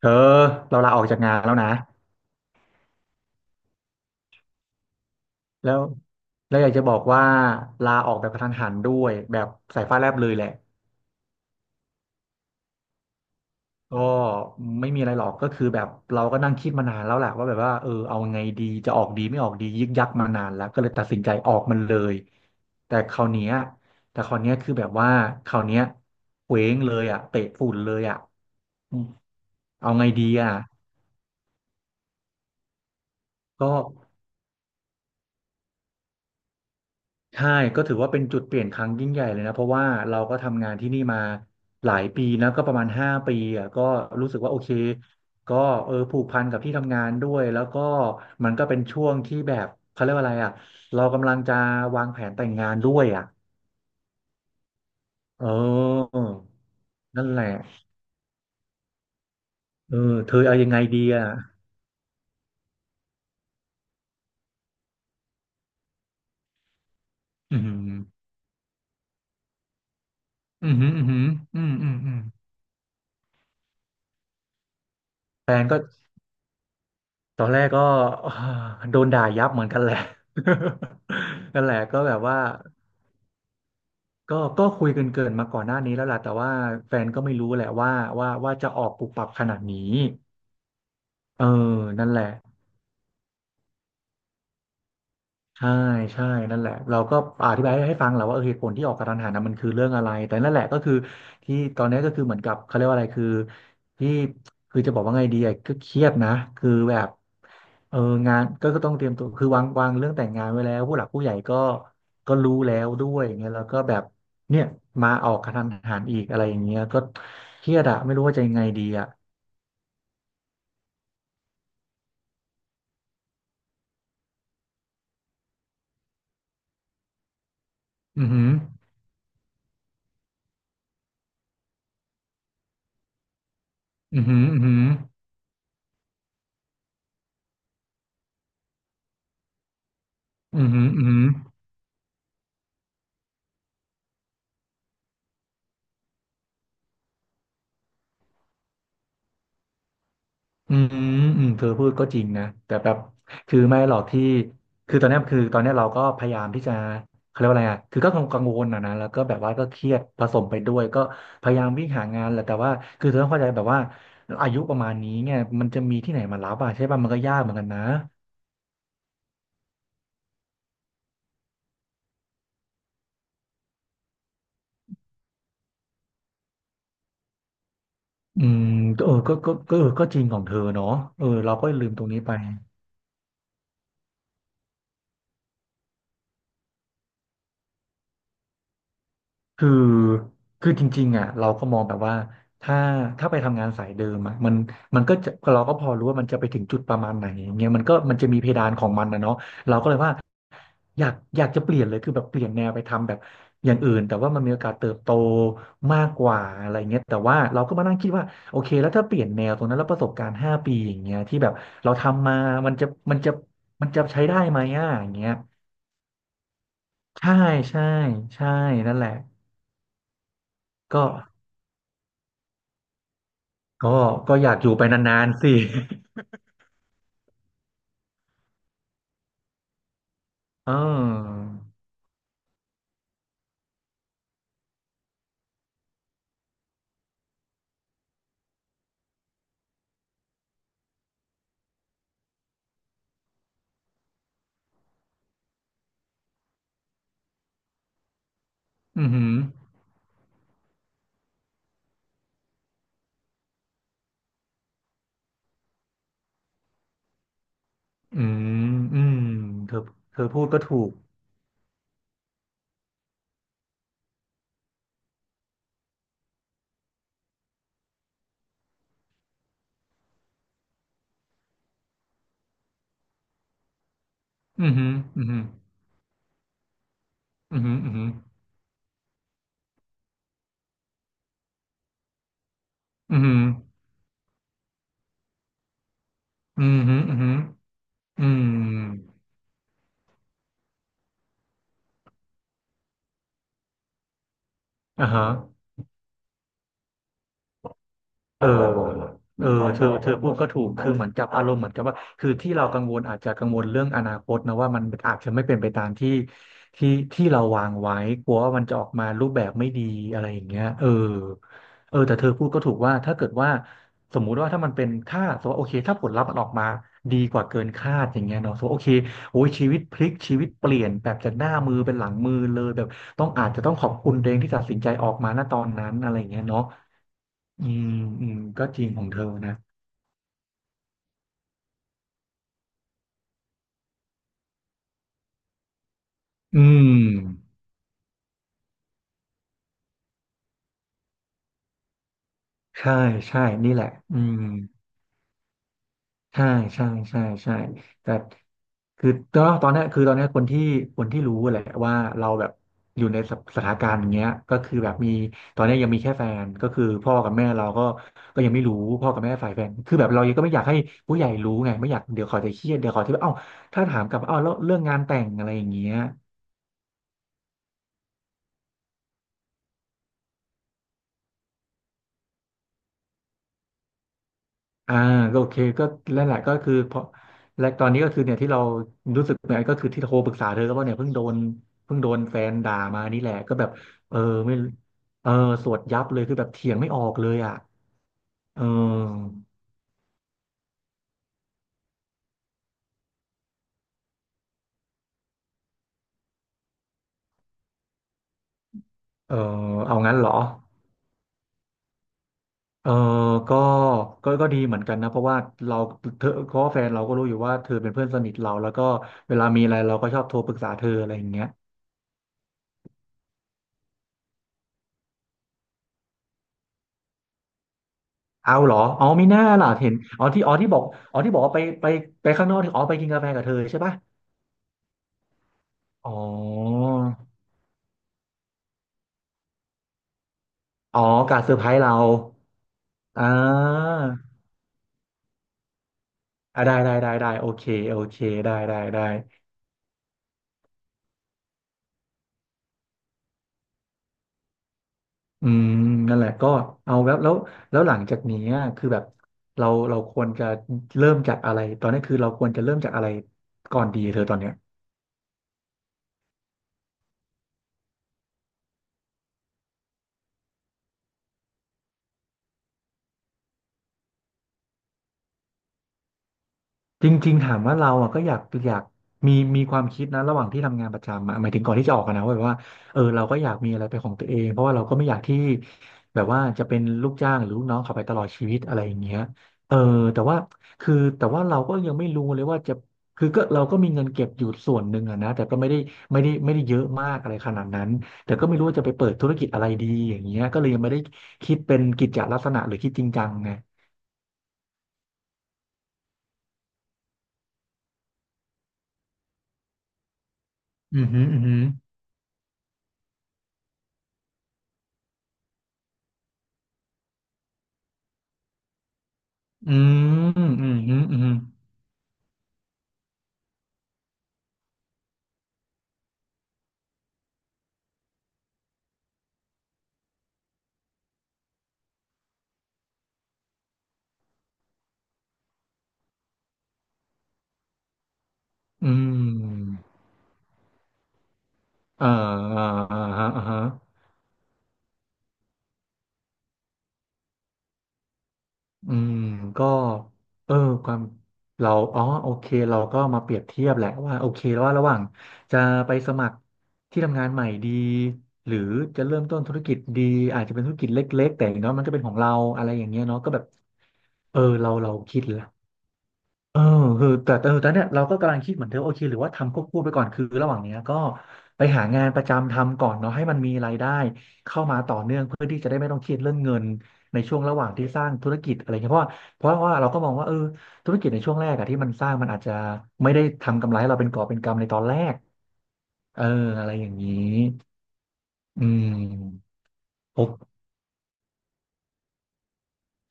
เธอเราลาออกจากงานแล้วนะแล้วแล้วอยากจะบอกว่าลาออกแบบกระทันหันด้วยแบบสายฟ้าแลบเลยแหละก็ไม่มีอะไรหรอกก็คือแบบเราก็นั่งคิดมานานแล้วแหละว่าแบบว่าเออเอาไงดีจะออกดีไม่ออกดียึกยักมานานแล้วก็เลยตัดสินใจออกมันเลยแต่คราวเนี้ยแต่คราวเนี้ยคือแบบว่าคราวเนี้ยเคว้งเลยอ่ะเตะฝุ่นเลยอ่ะอืมเอาไงดีอ่ะก็ ใช่ก็ถือว่าเป็นจุดเปลี่ยนครั้งยิ่งใหญ่เลยนะเพราะว่าเราก็ทำงานที่นี่มาหลายปีนะก็ประมาณห้าปีอ่ะก็รู้สึกว่าโอเคก็เออผูกพันกับที่ทำงานด้วยแล้วก็มันก็เป็นช่วงที่แบบเขาเรียกว่าอะไรอ่ะเรากำลังจะวางแผนแต่งงานด้วยอ่ะเออนั่นแหละเออเธอเอายังไงดีอ่ะอืมอืมอืมอืมอืมอืมอืมตอนแรกก็อ่าโดนด่ายับเหมือนกันแหละ นั่นแหละก็แบบว่า ก็คุยกันเกินมาก่อนหน้านี้แล้วล่ะแต่ว่าแฟนก็ไม่รู้แหละว่าว่าจะออกปุบปับขนาดนี้เออนั่นแหละ ใช่ใช่นั่นแหละเราก็อธิบายให้ฟังแหละว่าเออเหตุผลที่ออกกระทันหันนะมันคือเรื่องอะไรแต่นั่นแหละก็คือที่ตอนนี้ก็คือเหมือนกับเขาเรียกว่าอะไรคือที่คือจะบอกว่าไงดีอะก็เครียดนะคือแบบเอองานก็ต้องเตรียมตัวคือวางเรื่องแต่งงานไว้แล้วผู้หลักผู้ใหญ่ก็ก็รู้แล้วด้วยอย่างเงี้ยแล้วก็แบบเนี่ยมาออกกระทันหันอีกอะไรอย่างเงี้ยก็เครียดอะไม่รู้ว่าจะยังไงดีอะอือหืออือหืออือหืออือหืออือหือ อืมอืมเธอพูดก็จริงนะแต่แบบคือไม่หรอกที่คือตอนเนี้ยเราก็พยายามที่จะเขาเรียกว่าอะไรอ่ะคือก็กังวลนะแล้วก็แบบว่าก็เครียดผสมไปด้วยก็พยายามวิ่งหางานแหละแต่ว่าคือเธอต้องเข้าใจแบบว่าอายุประมาณนี้เนี่ยมันจะมีที่ไหนมารับอ่ะใช่ป่ะมันก็ยากเหมือนกันนะอืมเออก็เออก็จริงของเธอเนาะเออเราก็ลืมตรงนี้ไป คือคือจริงๆอ่ะเราก็มองแบบว่าถ้าถ้าไปทำงานสายเดิมอ่ะมันมันก็จะเราก็พอรู้ว่ามันจะไปถึงจุดประมาณไหนอย่างเงี้ยมันก็มันจะมีเพดานของมันนะเนาะเราก็เลยว่าอยากจะเปลี่ยนเลยคือแบบเปลี่ยนแนวไปทำแบบอย่างอื่นแต่ว่ามันมีโอกาสเติบโตมากกว่าอะไรเงี้ยแต่ว่าเราก็มานั่งคิดว่าโอเคแล้วถ้าเปลี่ยนแนวตรงนั้นแล้วประสบการณ์ห้าปีอย่างเงี้ยที่แบบเราทำมามันจะมันจะมันจะใช้ได้ไหมอ่ะอย่างเงี้ยใช่ใช่ใช่นั่นแหละก็ ก็ก็อยากอยู่ไปนานๆสิ เอออือหืออืมอืมเธอเธอพูดก็ถูกอือหืออือหืออือหืออือหืออือหืออือหืออือหืออืมอ่าฮะ เออเออเธอพูดก็ถูกคือเหมือนกับอารมณ์เหมือนกับว่าคือที่เรากังวลอาจจะกังวลเรื่องอนาคตนะว่ามันอาจจะไม่เป็นไปตามที่เราวางไว้กลัวว่ามันจะออกมารูปแบบไม่ดีอะไรอย่างเงี้ยเออเออแต่เธอพูดก็ถูกว่าถ้าเกิดว่าสมมุติว่าถ้ามันเป็นค่าสมมติว่าโอเคถ้าผลลัพธ์มันออกมาดีกว่าเกินคาดอย่างเงี้ยเนาะสมมติว่าโอเคโอ้ยชีวิตพลิกชีวิตเปลี่ยนแบบจากหน้ามือเป็นหลังมือเลยแบบต้องอาจจะต้องขอบคุณตัวเองที่ตัดสินใจออกมาณตอนนั้นอะไรอย่างเงี้ยเนาะ อืมอืมก็จริงของเธอนะอืมใช่ใช่นี่แหละอืมใช่ใช่ใช่ใช่แต่คือก็ตอนเนี้ยคนที่รู้แหละว่าเราแบบอยู่ในสสถานการณ์อย่างเงี้ยก็คือแบบมีตอนเนี้ยยังมีแค่แฟนก็คือพ่อกับแม่เราก็ก็ยังไม่รู้พ่อกับแม่ฝ่ายแฟนคือแบบเรายังก็ไม่อยากให้ผู้ใหญ่รู้ไงไม่อยากเดี๋ยวเขาจะเครียดเดี๋ยวเขาจะแบบเอ้าถ้าถามกลับว่าเอ้าแล้วเรื่องงานแต่งอะไรอย่างเงี้ย อ่าก็โอเคก็นั่นแหละก็คือเพราะและตอนนี้ก็คือเนี่ยที่เรารู้สึกเนี่ยก็คือที่โทรปรึกษาเธอก็เพราะเนี่ยเพิ่งโดนแฟนด่ามานี่แหละก็แบบเออไม่เออสวดยับเลยคือแบบเถียงไม่ออกเลยอ่ะเออเออเอางั้นเหรอเออก็ก็ดีเหมือนกันนะเพราะว่าเราเธอเพราะว่าแฟนเราก็รู้อยู่ว่าเธอเป็นเพื่อนสนิทเราแล้วก็เวลามีอะไรเราก็ชอบโทรปรึกษาเธออะไรอย่างเงี้ย เอาเหรออ๋อไม่น่าล่ะเห็นอ๋อที่บอกอ๋อที่บอกว่าไปข้างนอกที่อ๋อไปกินกาแฟกับเธอใช่ปะอ๋ออ๋อการเซอร์ไพรส์เราอ่าอ่ะได้โอเคโอเคได้อืมนั่นแหละก็เอาแล้วแล้วหลังจากนี้อะคือแบบเราควรจะเริ่มจากอะไรตอนนี้คือเราควรจะเริ่มจากอะไรก่อนดีเธอตอนเนี้ย จริงๆถามว่าเราอ่ะก็อยากอยากมีความคิดนะระหว่างที่ทำงานประจำอะหมายถึงก่อนที่จะออกอะนะว่าแบบว่าเออเราก็อยากมีอะไรเป็นของตัวเองเพราะว่าเราก็ไม่อยากที่แบบว่าจะเป็นลูกจ้างหรือลูกน้องเขาไปตลอดชีวิตอะไรอย่างเงี้ยเออแต่ว่าคือแต่ว่าเราก็ยังไม่รู้เลยว่าจะคือก็เราก็มีเงินเก็บอยู่ส่วนหนึ่งอะนะแต่ก็ไม่ได้เยอะมากอะไรขนาดนั้นแต่ก็ไม่รู้ว่าจะไปเปิดธุรกิจอะไรดีอย่างเงี้ยก็เลยยังไม่ได้คิดเป็นกิจจลักษณะหรือคิดจริงจังไงอืมอหืมออืมอหืออือืมอืมอืม อืมอ่าอ่าอ่าฮะอืมก็เออความเราอ๋อโอเคเราก็มาเปรียบเทียบแหละว่าโอเคว่าระหว่างจะไปสมัครที่ทำงานใหม่ดีหรือจะเริ่มต้นธุรกิจดี อาจจะเป็นธุรกิจเล็กๆแต่อย่างน้อยมันก็เป็นของเราอะไรอย่างเงี้ยเนาะก็แบบเออเราคิดและ เออคือแต่เออแตอนเนี้ยเราก็กำลังคิดเหมือนเธอโอเคหรือว่าทำควบคู่ไปก่อนคือระหว่างเนี้ยก็ไปหางานประจำทำก่อนเนาะให้มันมีรายได้เข้ามาต่อเนื่องเพื่อที่จะได้ไม่ต้องเครียดเรื่องเงินในช่วงระหว่างที่สร้างธุรกิจอะไรเงี้ยเพราะว่าเราก็มองว่าเออธุรกิจในช่วงแรกอะที่มันสร้างมันอาจจะไม่ได้ทำกำไรให้เราเป็นกอบเป็นกำในตอนแรกเอออะไรอย่างนี้อืมโอ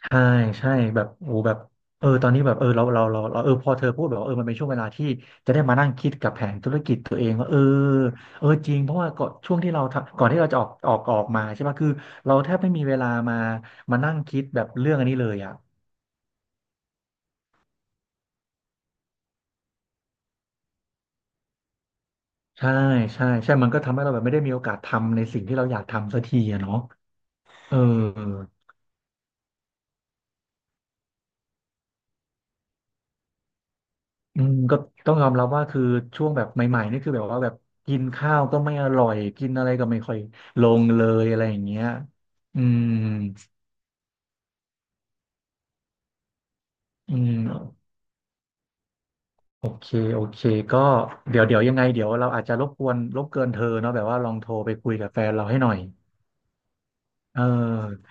ใช่ใช่แบบโอ้แบบเออตอนนี้แบบเออเราเออพอเธอพูดแบบว่าเออมันเป็นช่วงเวลาที่จะได้มานั่งคิดกับแผนธุรกิจตัวเองว่าเออเออจริงเพราะว่าก่อนช่วงที่เราทำก่อนที่เราจะออกมาใช่ปะคือเราแทบไม่มีเวลามานั่งคิดแบบเรื่องอันนี้เลยอ่ะใช่ใช่มันก็ทำให้เราแบบไม่ได้มีโอกาสทำในสิ่งที่เราอยากทำสักทีอะเนาะเออ อืมก็ต้องยอมรับว่าคือช่วงแบบใหม่ๆนี่คือแบบว่าแบบกินข้าวก็ไม่อร่อยกินอะไรก็ไม่ค่อยลงเลยอะไรอย่างเงี้ยอืมอืมโอเคโอเคก็เดี๋ยวยังไงเดี๋ยวเราอาจจะรบกวนรบเกินเธอเนาะแบบว่าลองโทรไปคุยกับแฟนเราให้หน่อยเออ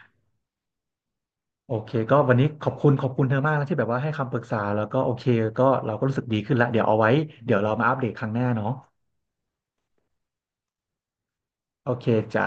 โอเคก็วันนี้ขอบคุณเธอมากนะที่แบบว่าให้คำปรึกษาแล้วก็โอเคก็เราก็รู้สึกดีขึ้นละเดี๋ยวเอาไว้เดี๋ยวเรามาอัปเดตครั้งหน้าเนาะโอเคจ้า